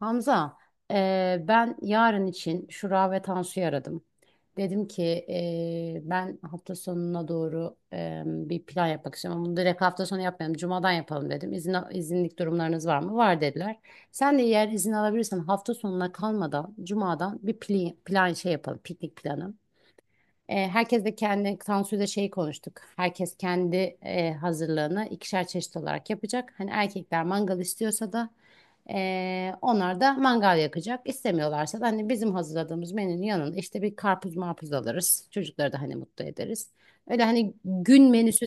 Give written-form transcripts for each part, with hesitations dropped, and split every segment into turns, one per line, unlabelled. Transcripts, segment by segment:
Hamza, ben yarın için Şura ve Tansu'yu aradım. Dedim ki ben hafta sonuna doğru bir plan yapmak istiyorum. Ama bunu direkt hafta sonu yapmayalım. Cuma'dan yapalım dedim. İzinlik durumlarınız var mı? Var dediler. Sen de eğer izin alabilirsen hafta sonuna kalmadan Cuma'dan bir plan şey yapalım. Piknik planı. Herkes de kendi sansürde şey konuştuk. Herkes kendi hazırlığını ikişer çeşit olarak yapacak. Hani erkekler mangal istiyorsa da onlar da mangal yakacak. İstemiyorlarsa da hani bizim hazırladığımız menünün yanında işte bir karpuz marpuz alırız. Çocukları da hani mutlu ederiz. Öyle hani gün menüsü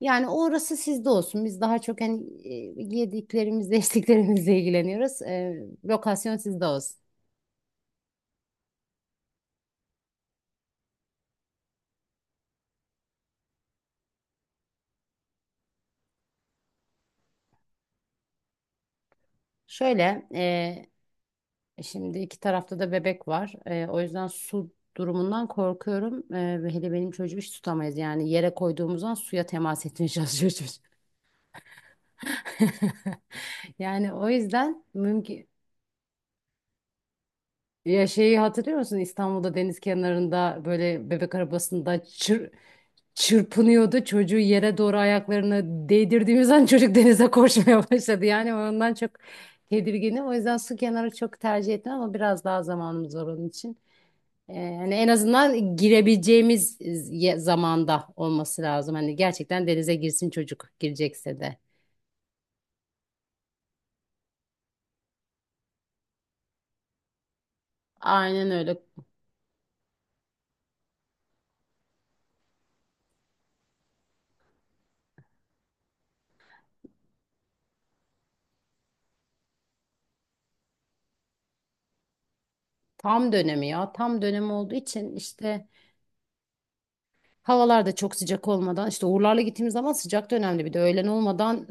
yani orası sizde olsun. Biz daha çok hani yediklerimizle içtiklerimizle ilgileniyoruz. Lokasyon sizde olsun. Şöyle. Şimdi iki tarafta da bebek var. O yüzden su durumundan korkuyorum. Ve hele benim çocuğu hiç tutamayız. Yani yere koyduğumuzdan suya temas etmeye çalışıyor çocuk. Yani o yüzden mümkün... Ya şeyi hatırlıyor musun? İstanbul'da deniz kenarında böyle bebek arabasında çırpınıyordu. Çocuğu yere doğru ayaklarını değdirdiğimiz an çocuk denize koşmaya başladı. Yani ondan çok tedirginim. O yüzden su kenarı çok tercih etmem ama biraz daha zamanımız var onun için. Hani en azından girebileceğimiz zamanda olması lazım. Hani gerçekten denize girsin çocuk girecekse de. Aynen öyle. Tam dönemi ya. Tam dönemi olduğu için işte havalar da çok sıcak olmadan işte Uğurlar'la gittiğimiz zaman sıcak dönemde bir de öğlen olmadan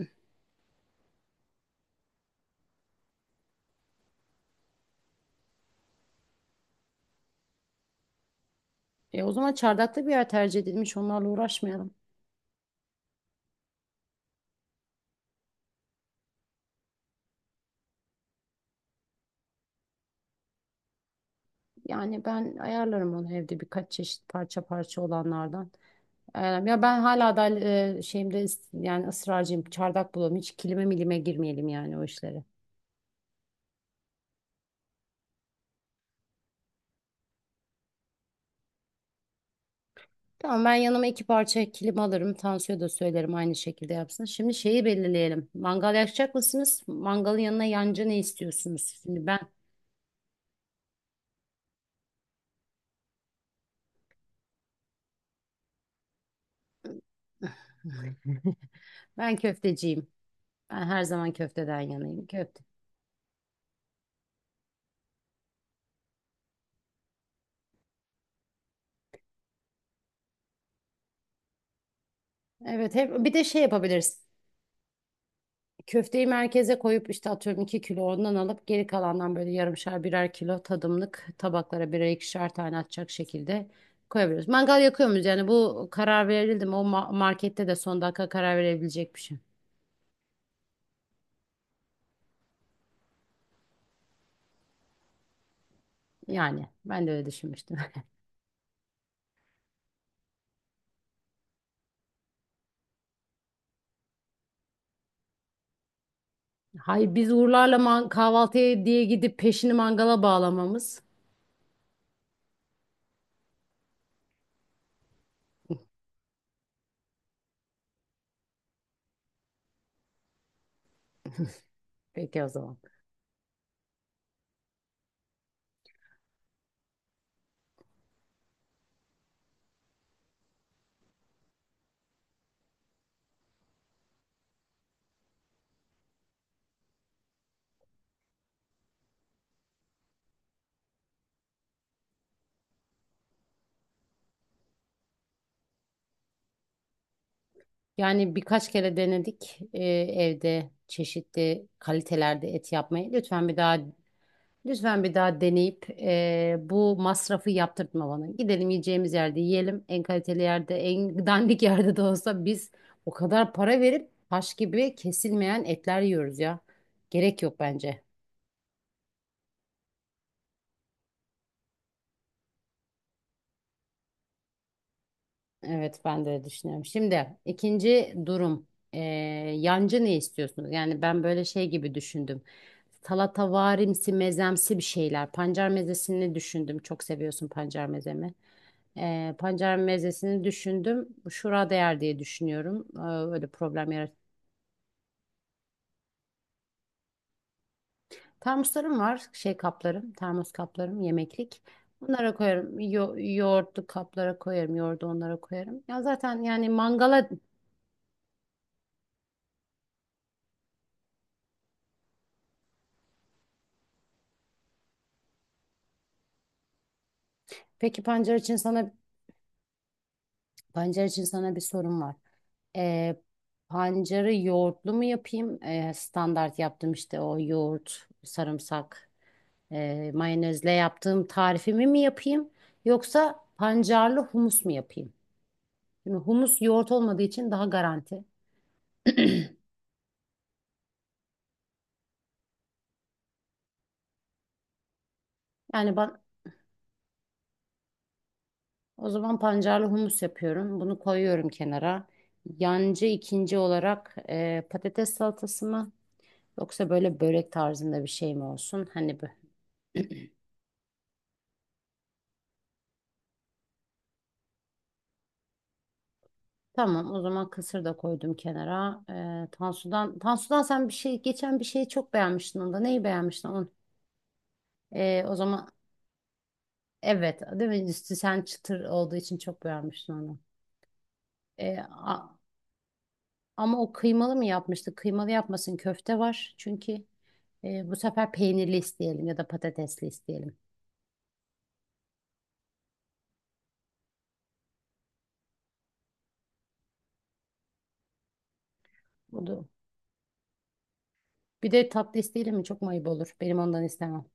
o zaman çardakta bir yer tercih edilmiş onlarla uğraşmayalım. Yani ben ayarlarım onu evde birkaç çeşit parça parça olanlardan. Ayarlarım. Ya ben hala da şeyimde yani ısrarcıyım. Çardak bulalım. Hiç kilime milime girmeyelim yani o işlere. Tamam, ben yanıma iki parça kilim alırım. Tansu'ya da söylerim aynı şekilde yapsın. Şimdi şeyi belirleyelim. Mangal yakacak mısınız? Mangalın yanına yancı ne istiyorsunuz? Şimdi ben ben köfteciyim. Ben her zaman köfteden yanayım. Köfte. Evet, hep bir de şey yapabiliriz. Köfteyi merkeze koyup işte atıyorum iki kilo ondan alıp geri kalandan böyle yarımşar birer kilo tadımlık tabaklara birer ikişer tane atacak şekilde koyabiliriz. Mangal yakıyor muyuz? Yani bu karar verildi mi? O markette de son dakika karar verebilecek bir şey. Yani ben de öyle düşünmüştüm. Hayır, biz Uğurlarla kahvaltıya diye gidip peşini mangala bağlamamız. Peki o zaman. Yani birkaç kere denedik evde çeşitli kalitelerde et yapmayı. Lütfen bir daha lütfen bir daha deneyip bu masrafı yaptırtma bana. Gidelim yiyeceğimiz yerde yiyelim. En kaliteli yerde, en dandik yerde de olsa biz o kadar para verip taş gibi kesilmeyen etler yiyoruz ya. Gerek yok bence. Evet, ben de öyle düşünüyorum. Şimdi ikinci durum. Ee, Yancı ne istiyorsunuz? Yani ben böyle şey gibi düşündüm. Salatavarimsi, mezemsi bir şeyler. Pancar mezesini düşündüm. Çok seviyorsun pancar mezemi. Pancar mezesini düşündüm. Şura değer diye düşünüyorum. Öyle problem yarat. Termoslarım var. Şey kaplarım. Termos kaplarım. Yemeklik. Onlara koyarım. Yoğurtlu kaplara koyarım. Yoğurdu onlara koyarım. Ya zaten yani mangala. Peki pancar için sana. Pancar için sana bir sorum var. Ee, Pancarı yoğurtlu mu yapayım? Standart yaptım işte o yoğurt, sarımsak, mayonezle yaptığım tarifimi mi yapayım? Yoksa pancarlı humus mu yapayım? Şimdi humus yoğurt olmadığı için daha garanti. Yani ben o zaman pancarlı humus yapıyorum. Bunu koyuyorum kenara. Yancı ikinci olarak patates salatası mı? Yoksa böyle börek tarzında bir şey mi olsun? Hani. Tamam, o zaman kısır da koydum kenara. Tansu'dan sen bir şey, geçen bir şeyi çok beğenmiştin onda. Neyi beğenmiştin onu? O zaman evet, değil mi? Üstü sen çıtır olduğu için çok beğenmiştin onu. Ee, a- ama o kıymalı mı yapmıştı? Kıymalı yapmasın, köfte var. Çünkü bu sefer peynirli isteyelim ya da patatesli isteyelim. Bu da. Bir de tatlı isteyelim mi? Çok mayıp olur. Benim ondan istemem.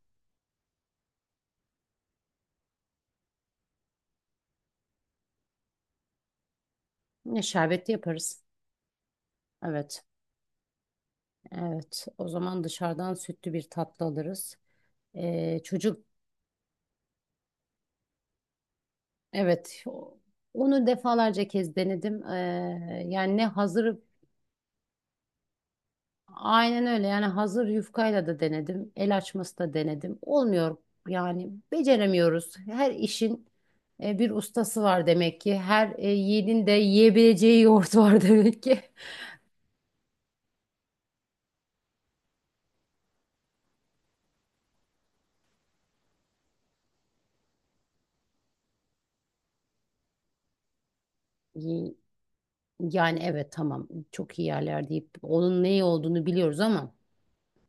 Ya şerbetli yaparız. Evet, evet. O zaman dışarıdan sütlü bir tatlı alırız. Çocuk evet onu defalarca kez denedim. Yani ne hazır, aynen öyle, yani hazır yufkayla da denedim. El açması da denedim. Olmuyor yani beceremiyoruz. Her işin bir ustası var demek ki. Her yiğidin de yiyebileceği yoğurt var demek ki. Yi- Yani evet tamam, çok iyi yerler deyip onun ne iyi olduğunu biliyoruz ama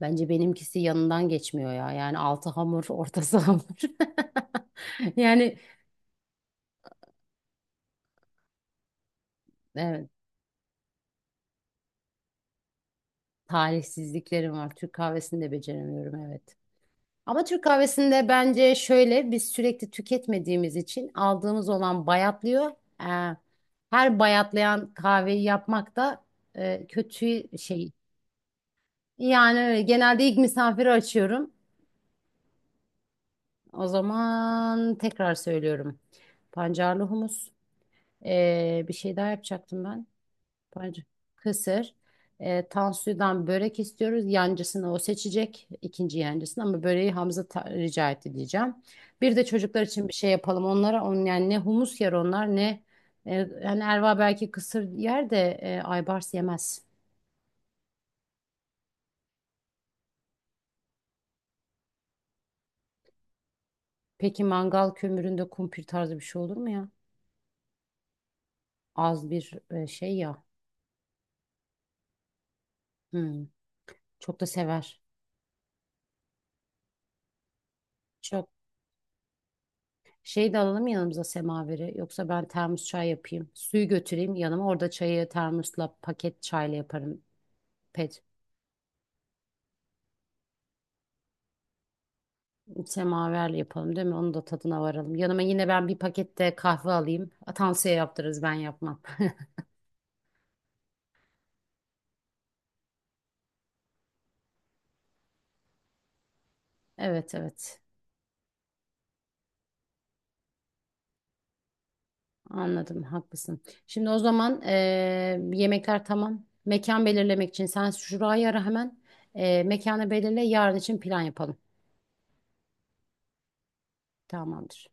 bence benimkisi yanından geçmiyor ya. Yani altı hamur ortası hamur. Yani evet, talihsizliklerim var. Türk kahvesini de beceremiyorum, evet. Ama Türk kahvesinde bence şöyle, biz sürekli tüketmediğimiz için aldığımız olan bayatlıyor. Ee, Her bayatlayan kahveyi yapmak da kötü şey. Yani öyle, genelde ilk misafiri açıyorum. O zaman tekrar söylüyorum. Pancarlı humus. Bir şey daha yapacaktım ben. Bence kısır. Tansu'dan börek istiyoruz. Yancısını o seçecek. İkinci yancısını, ama böreği Hamza rica etti diyeceğim. Bir de çocuklar için bir şey yapalım onlara. Yani ne humus yer onlar ne yani Erva belki kısır yer de Aybars yemez. Peki mangal kömüründe kumpir tarzı bir şey olur mu ya? Az bir şey ya. Hmm, çok da sever. Çok. Şey de alalım yanımıza semaveri. Yoksa ben termos çay yapayım. Suyu götüreyim yanıma. Orada çayı termosla paket çayla yaparım. Pet semaverle yapalım değil mi? Onun da tadına varalım. Yanıma yine ben bir pakette kahve alayım. Atansiye yaptırırız ben yapmam. Evet, evet, anladım haklısın. Şimdi o zaman yemekler tamam. Mekan belirlemek için sen şurayı ara hemen. Mekanı belirle yarın için plan yapalım. Tamamdır.